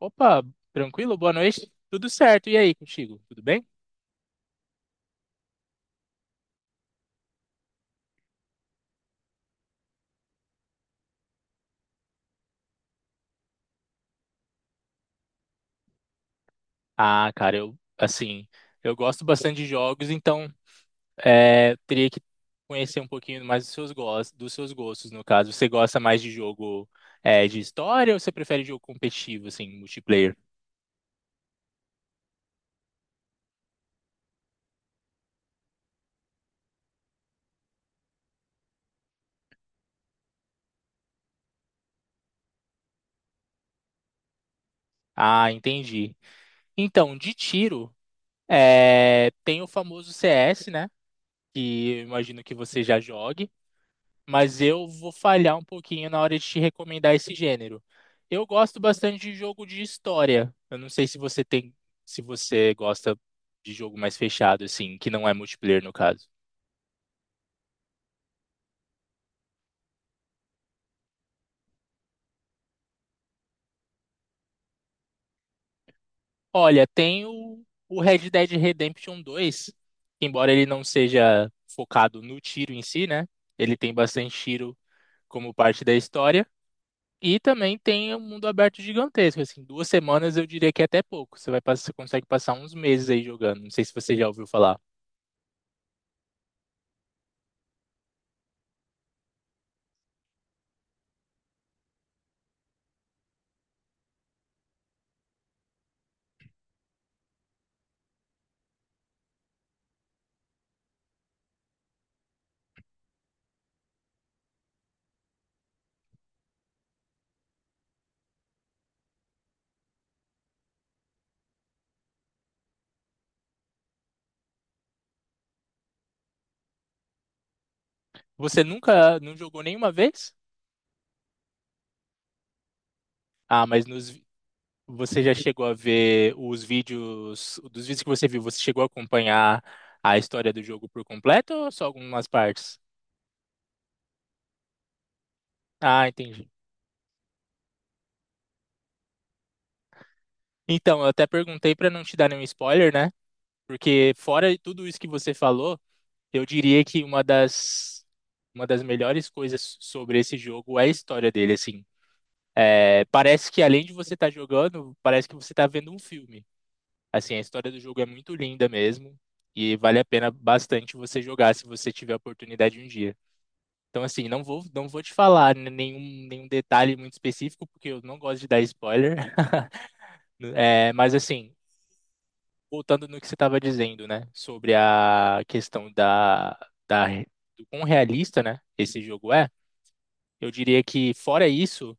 Opa, tranquilo? Boa noite. Tudo certo. E aí, contigo? Tudo bem? Ah, cara, eu, assim, eu gosto bastante de jogos, então teria que conhecer um pouquinho mais dos seus gostos, no caso. Você gosta mais de jogo de história ou você prefere jogo competitivo, assim, multiplayer? Ah, entendi. Então, de tiro, tem o famoso CS, né? Que eu imagino que você já jogue. Mas eu vou falhar um pouquinho na hora de te recomendar esse gênero. Eu gosto bastante de jogo de história. Eu não sei se você tem, se você gosta de jogo mais fechado, assim, que não é multiplayer no caso. Olha, tem o Red Dead Redemption dois, que embora ele não seja focado no tiro em si, né? Ele tem bastante tiro como parte da história. E também tem um mundo aberto gigantesco, assim, duas semanas eu diria que é até pouco. Você vai passar, você consegue passar uns meses aí jogando. Não sei se você já ouviu falar. Você nunca não jogou nenhuma vez? Ah, mas você já chegou a ver os vídeos, dos vídeos que você viu, você chegou a acompanhar a história do jogo por completo ou só algumas partes? Ah, entendi. Então, eu até perguntei para não te dar nenhum spoiler, né? Porque fora de tudo isso que você falou, eu diria que uma das melhores coisas sobre esse jogo é a história dele, assim. É, parece que além de você estar jogando, parece que você está vendo um filme. Assim, a história do jogo é muito linda mesmo e vale a pena bastante você jogar se você tiver a oportunidade um dia. Então, assim, não vou te falar nenhum detalhe muito específico, porque eu não gosto de dar spoiler. É, mas, assim, voltando no que você estava dizendo, né, sobre a questão da, do quão realista, né, esse jogo é, eu diria que, fora isso,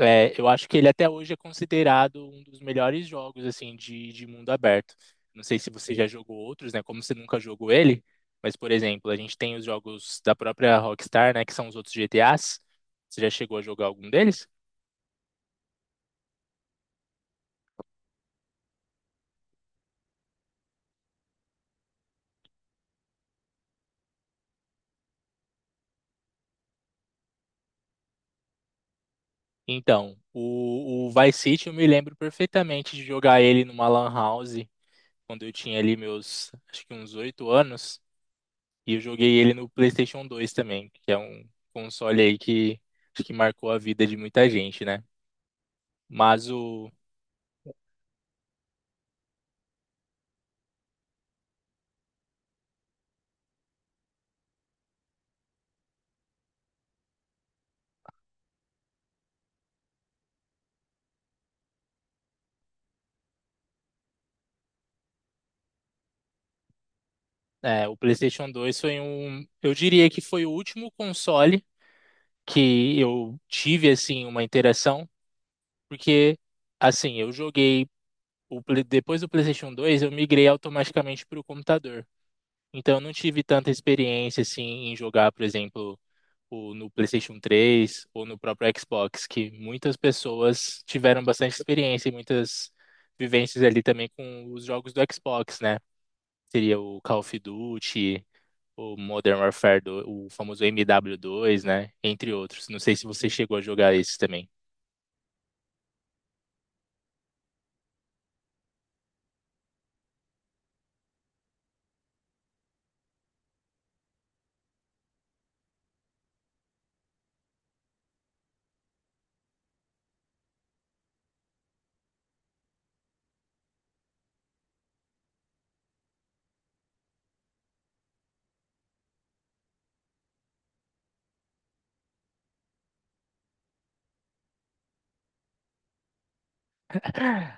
é, eu acho que ele até hoje é considerado um dos melhores jogos assim de mundo aberto. Não sei se você já jogou outros, né? Como você nunca jogou ele, mas por exemplo, a gente tem os jogos da própria Rockstar, né? Que são os outros GTAs. Você já chegou a jogar algum deles? Então, o Vice City eu me lembro perfeitamente de jogar ele numa lan house quando eu tinha ali meus, acho que uns oito anos, e eu joguei ele no PlayStation dois também, que é um console aí que acho que marcou a vida de muita gente, né? Mas o PlayStation 2 foi um, eu diria que foi o último console que eu tive assim uma interação, porque assim, eu joguei depois do PlayStation 2, eu migrei automaticamente para o computador. Então eu não tive tanta experiência assim em jogar, por exemplo, no PlayStation 3 ou no próprio Xbox, que muitas pessoas tiveram bastante experiência e muitas vivências ali também com os jogos do Xbox, né? Seria o Call of Duty, o Modern Warfare, o famoso MW2, né? Entre outros. Não sei se você chegou a jogar esses também.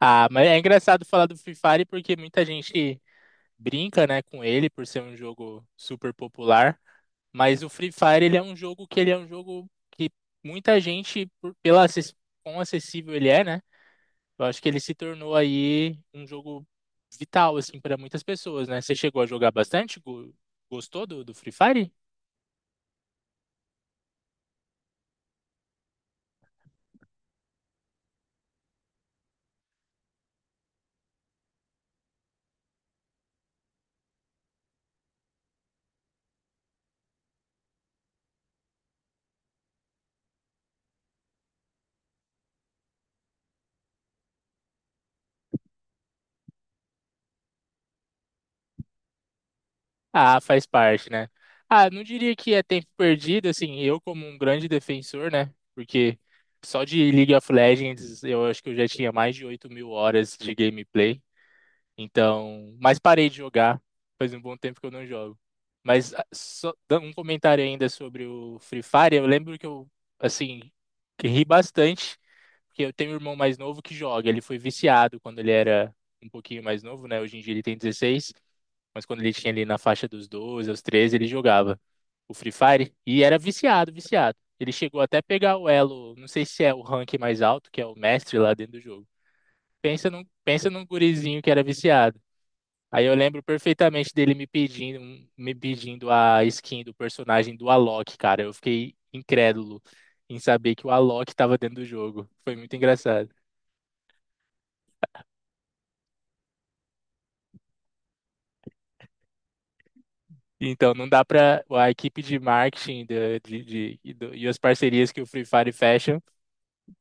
Ah, mas é engraçado falar do Free Fire porque muita gente brinca, né, com ele por ser um jogo super popular, mas o Free Fire ele é um jogo que muita gente pela quão acessível ele é, né? Eu acho que ele se tornou aí um jogo vital assim para muitas pessoas, né? Você chegou a jogar bastante? Gostou do Free Fire? Ah, faz parte, né? Ah, não diria que é tempo perdido, assim, eu como um grande defensor, né? Porque só de League of Legends eu acho que eu já tinha mais de 8.000 horas de gameplay. Então, mas parei de jogar. Faz um bom tempo que eu não jogo. Mas ah, só dando um comentário ainda sobre o Free Fire, eu lembro que eu, assim, que ri bastante, porque eu tenho um irmão mais novo que joga. Ele foi viciado quando ele era um pouquinho mais novo, né? Hoje em dia ele tem 16. Mas quando ele tinha ali na faixa dos 12, aos 13, ele jogava o Free Fire e era viciado, viciado. Ele chegou até a pegar o elo, não sei se é o rank mais alto, que é o mestre lá dentro do jogo. Pensa num gurizinho que era viciado. Aí eu lembro perfeitamente dele me pedindo a skin do personagem do Alok, cara. Eu fiquei incrédulo em saber que o Alok estava dentro do jogo. Foi muito engraçado. Então, não dá para a equipe de marketing e as parcerias que o Free Fire fecha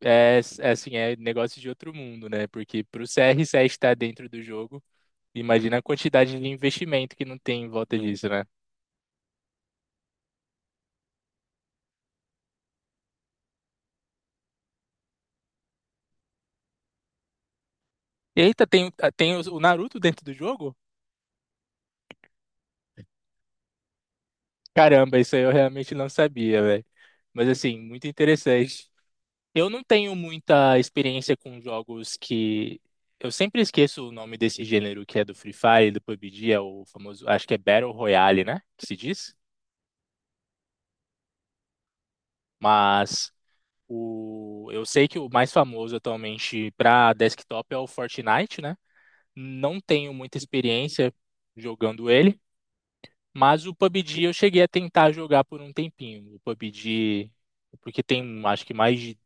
é, assim, é negócio de outro mundo, né? Porque para o CR7 estar dentro do jogo, imagina a quantidade de investimento que não tem em volta disso, né? Eita, tem o Naruto dentro do jogo? Caramba, isso aí eu realmente não sabia, velho. Mas assim, muito interessante. Eu não tenho muita experiência com jogos que. Eu sempre esqueço o nome desse gênero que é do Free Fire, do PUBG, é o famoso. Acho que é Battle Royale, né? Que se diz? Mas eu sei que o mais famoso atualmente para desktop é o Fortnite, né? Não tenho muita experiência jogando ele, mas o PUBG eu cheguei a tentar jogar por um tempinho. O PUBG, porque tem acho que mais de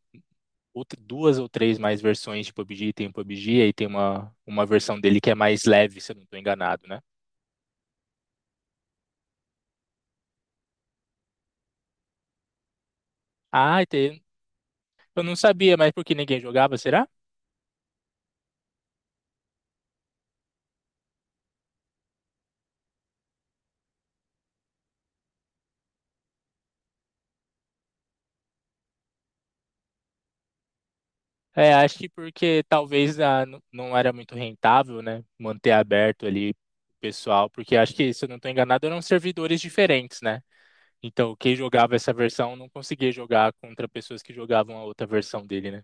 duas ou três mais versões de PUBG. Tem o PUBG, aí tem uma versão dele que é mais leve, se eu não estou enganado, né? Ah, e tem... eu não sabia, mas porque ninguém jogava, será? É, acho que porque talvez ah, não era muito rentável, né? Manter aberto ali o pessoal, porque acho que, se eu não estou enganado, eram servidores diferentes, né? Então, quem jogava essa versão não conseguia jogar contra pessoas que jogavam a outra versão dele, né?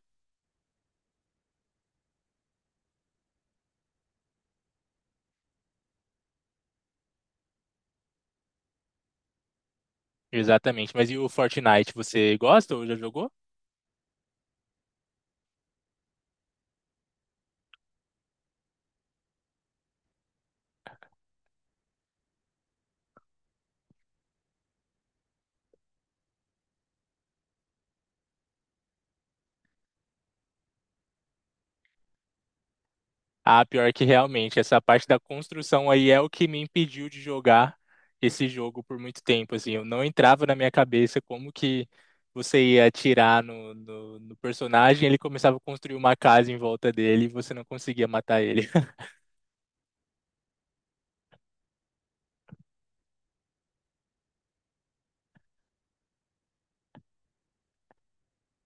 Exatamente. Mas e o Fortnite, você gosta ou já jogou? Ah, pior que realmente, essa parte da construção aí é o que me impediu de jogar esse jogo por muito tempo, assim, eu não entrava na minha cabeça como que você ia atirar no personagem, ele começava a construir uma casa em volta dele e você não conseguia matar ele.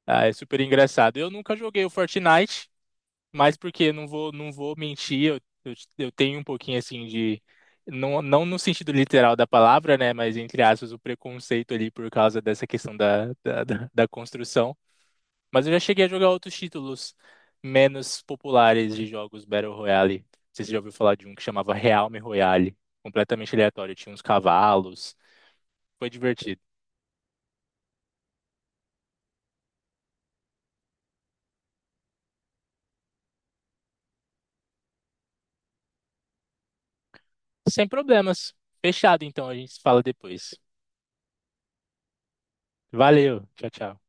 Ah, é super engraçado. Eu nunca joguei o Fortnite, mas porque não vou mentir, eu tenho um pouquinho assim de. Não, não no sentido literal da palavra, né? Mas entre aspas, o preconceito ali por causa dessa questão da construção. Mas eu já cheguei a jogar outros títulos menos populares de jogos Battle Royale. Não sei se você já ouviu falar de um que chamava Realme Royale. Completamente aleatório, tinha uns cavalos. Foi divertido. Sem problemas. Fechado, então, a gente se fala depois. Valeu, tchau, tchau.